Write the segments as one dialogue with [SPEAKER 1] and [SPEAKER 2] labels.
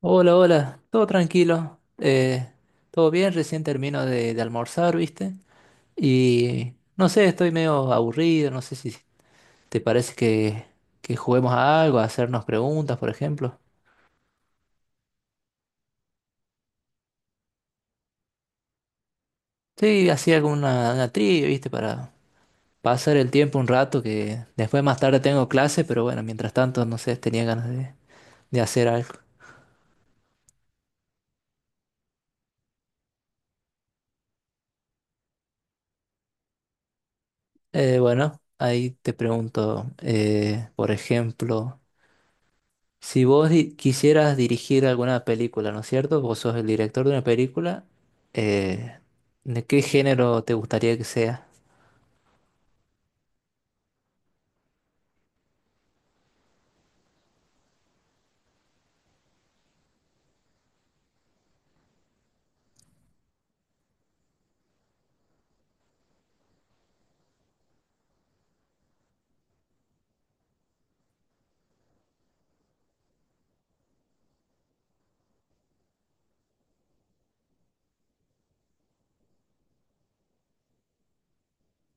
[SPEAKER 1] Hola, hola, todo tranquilo, todo bien, recién termino de almorzar, ¿viste? Y no sé, estoy medio aburrido, no sé si te parece que juguemos a algo, a hacernos preguntas, por ejemplo. Sí, así alguna una trivia, ¿viste? Para pasar el tiempo un rato, que después más tarde tengo clase, pero bueno, mientras tanto, no sé, tenía ganas de hacer algo. Bueno, ahí te pregunto, por ejemplo. Si vos quisieras dirigir alguna película, ¿no es cierto? Vos sos el director de una película. Eh, ¿De qué género te gustaría que sea?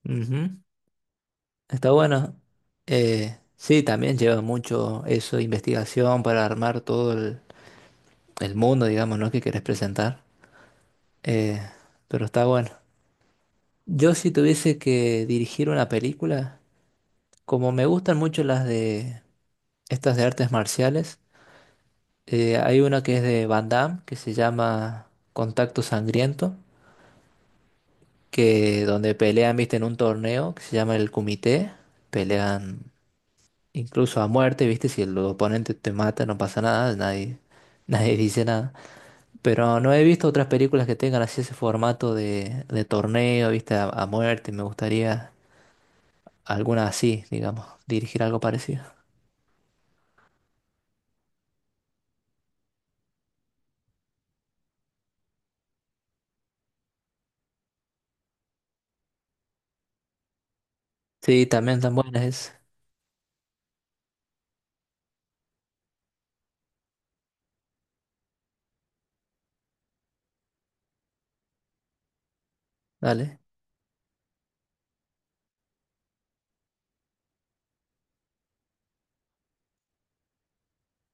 [SPEAKER 1] Ujú, está bueno. Sí, también lleva mucho eso, investigación para armar todo el mundo, digamos, ¿no? Que querés presentar. Eh, pero está bueno. Yo si tuviese que dirigir una película, como me gustan mucho las de estas de artes marciales, hay una que es de Van Damme, que se llama Contacto Sangriento, que donde pelean, viste, en un torneo que se llama el Kumite, pelean incluso a muerte, viste, si el oponente te mata no pasa nada, nadie, nadie dice nada. Pero no he visto otras películas que tengan así ese formato de torneo, viste, a muerte, me gustaría alguna así, digamos, dirigir algo parecido. Sí, también tan buenas es, dale.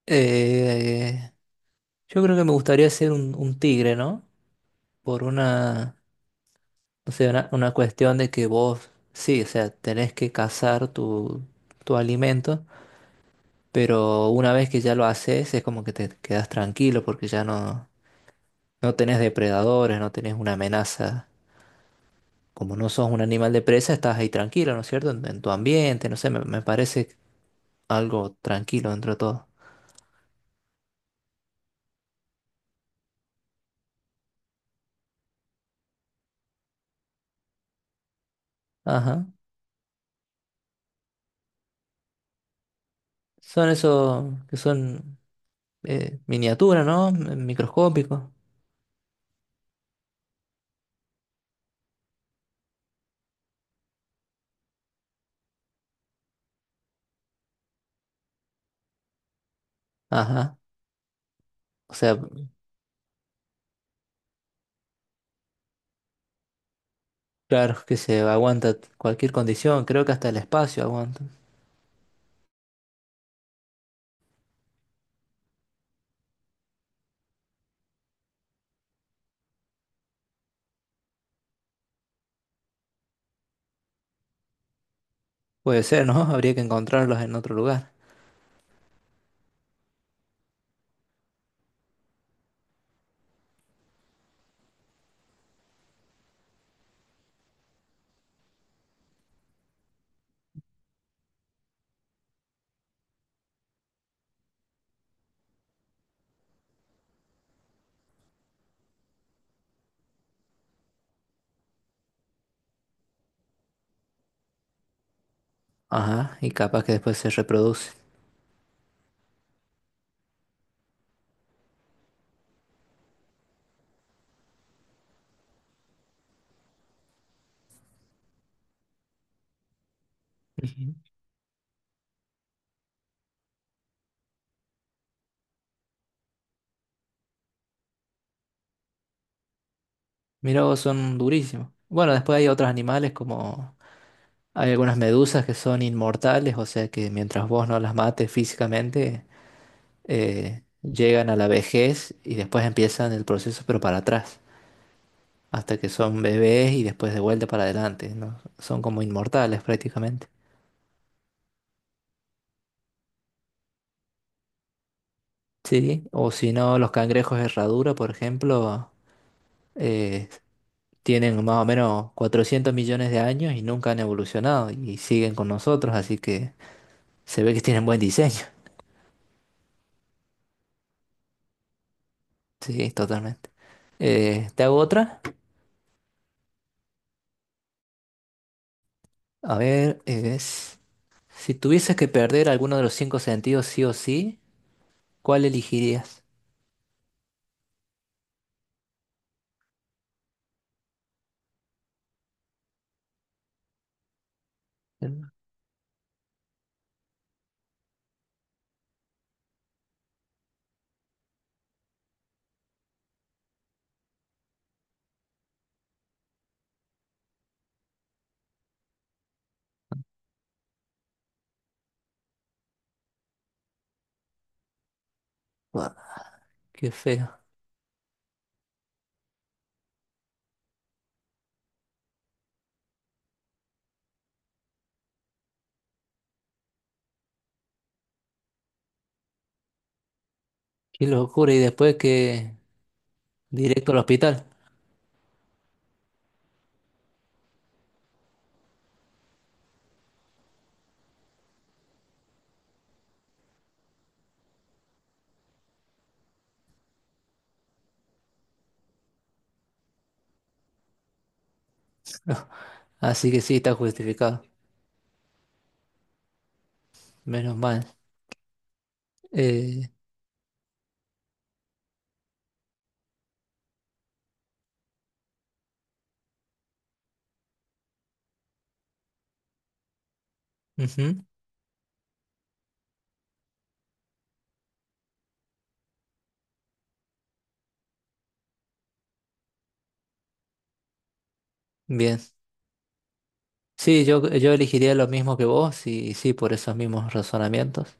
[SPEAKER 1] Eh, yo creo que me gustaría ser un tigre, ¿no? Por una, no sé, una cuestión de que vos, sí, o sea, tenés que cazar tu alimento, pero una vez que ya lo haces es como que te quedas tranquilo porque ya no tenés depredadores, no tenés una amenaza. Como no sos un animal de presa, estás ahí tranquilo, ¿no es cierto? En tu ambiente, no sé, me parece algo tranquilo dentro de todo. Ajá. Son esos que son miniaturas, ¿no? Microscópicos. Ajá. O sea, claro, que se aguanta cualquier condición, creo que hasta el espacio aguanta. Puede ser, ¿no? Habría que encontrarlos en otro lugar. Ajá, y capaz que después se reproducen. Ujú. Mirá vos, son durísimos. Bueno, después hay otros animales como... Hay algunas medusas que son inmortales, o sea que mientras vos no las mates físicamente, llegan a la vejez y después empiezan el proceso, pero para atrás, hasta que son bebés y después de vuelta para adelante, ¿no? Son como inmortales prácticamente. Sí, o si no, los cangrejos herradura, por ejemplo, eh, tienen más o menos 400 millones de años y nunca han evolucionado y siguen con nosotros, así que se ve que tienen buen diseño. Sí, totalmente. ¿Te hago otra? A ver, es... Si tuvieses que perder alguno de los cinco sentidos sí o sí, ¿cuál elegirías? Mm. Buah, qué feo, qué locura, y después que directo al hospital. Así que sí, está justificado, menos mal. Eh, ujú, bien. Sí, yo elegiría lo mismo que vos y, sí, por esos mismos razonamientos.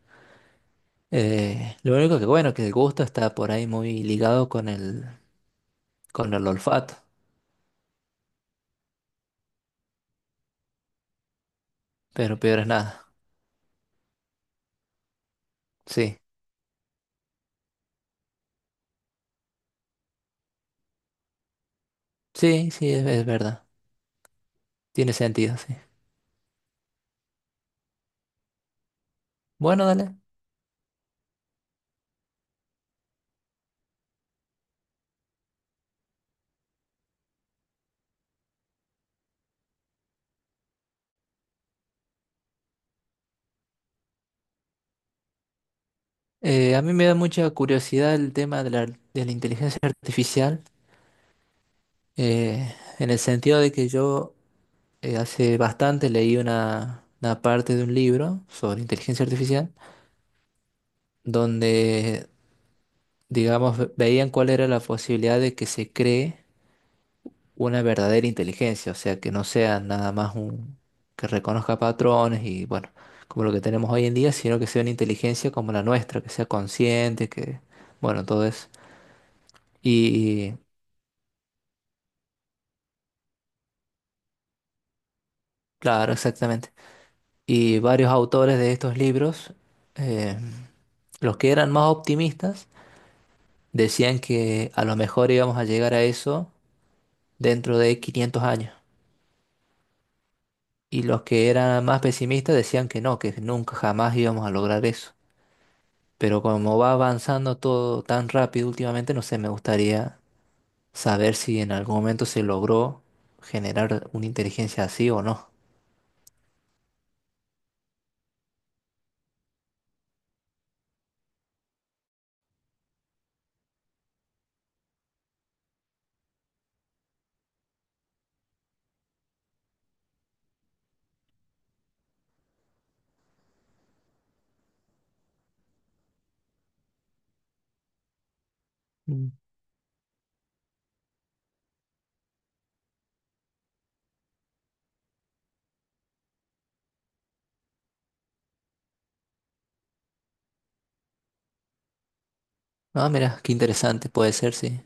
[SPEAKER 1] Lo único que bueno, que el gusto está por ahí muy ligado con con el olfato, pero peor es nada. Sí, sí, sí, es verdad. Tiene sentido, sí. Bueno, dale. A mí me da mucha curiosidad el tema de de la inteligencia artificial, en el sentido de que yo hace bastante leí una parte de un libro sobre inteligencia artificial. Donde, digamos, veían cuál era la posibilidad de que se cree una verdadera inteligencia, o sea, que no sea nada más un que reconozca patrones y bueno, como lo que tenemos hoy en día, sino que sea una inteligencia como la nuestra, que sea consciente, que bueno, todo eso. Y claro, exactamente. Y varios autores de estos libros, eh, los que eran más optimistas, decían que a lo mejor íbamos a llegar a eso dentro de 500 años. Y los que eran más pesimistas decían que no, que nunca jamás íbamos a lograr eso. Pero como va avanzando todo tan rápido últimamente, no sé, me gustaría saber si en algún momento se logró generar una inteligencia así o no. Mm. Ah, mira, qué interesante puede ser, sí.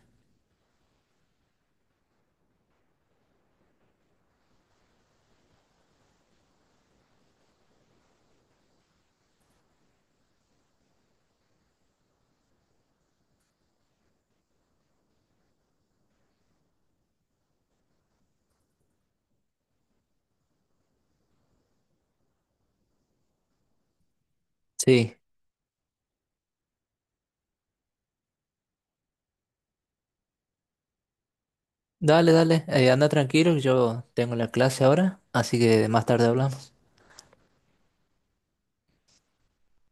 [SPEAKER 1] Sí. Dale, dale, anda tranquilo, yo tengo la clase ahora, así que más tarde hablamos.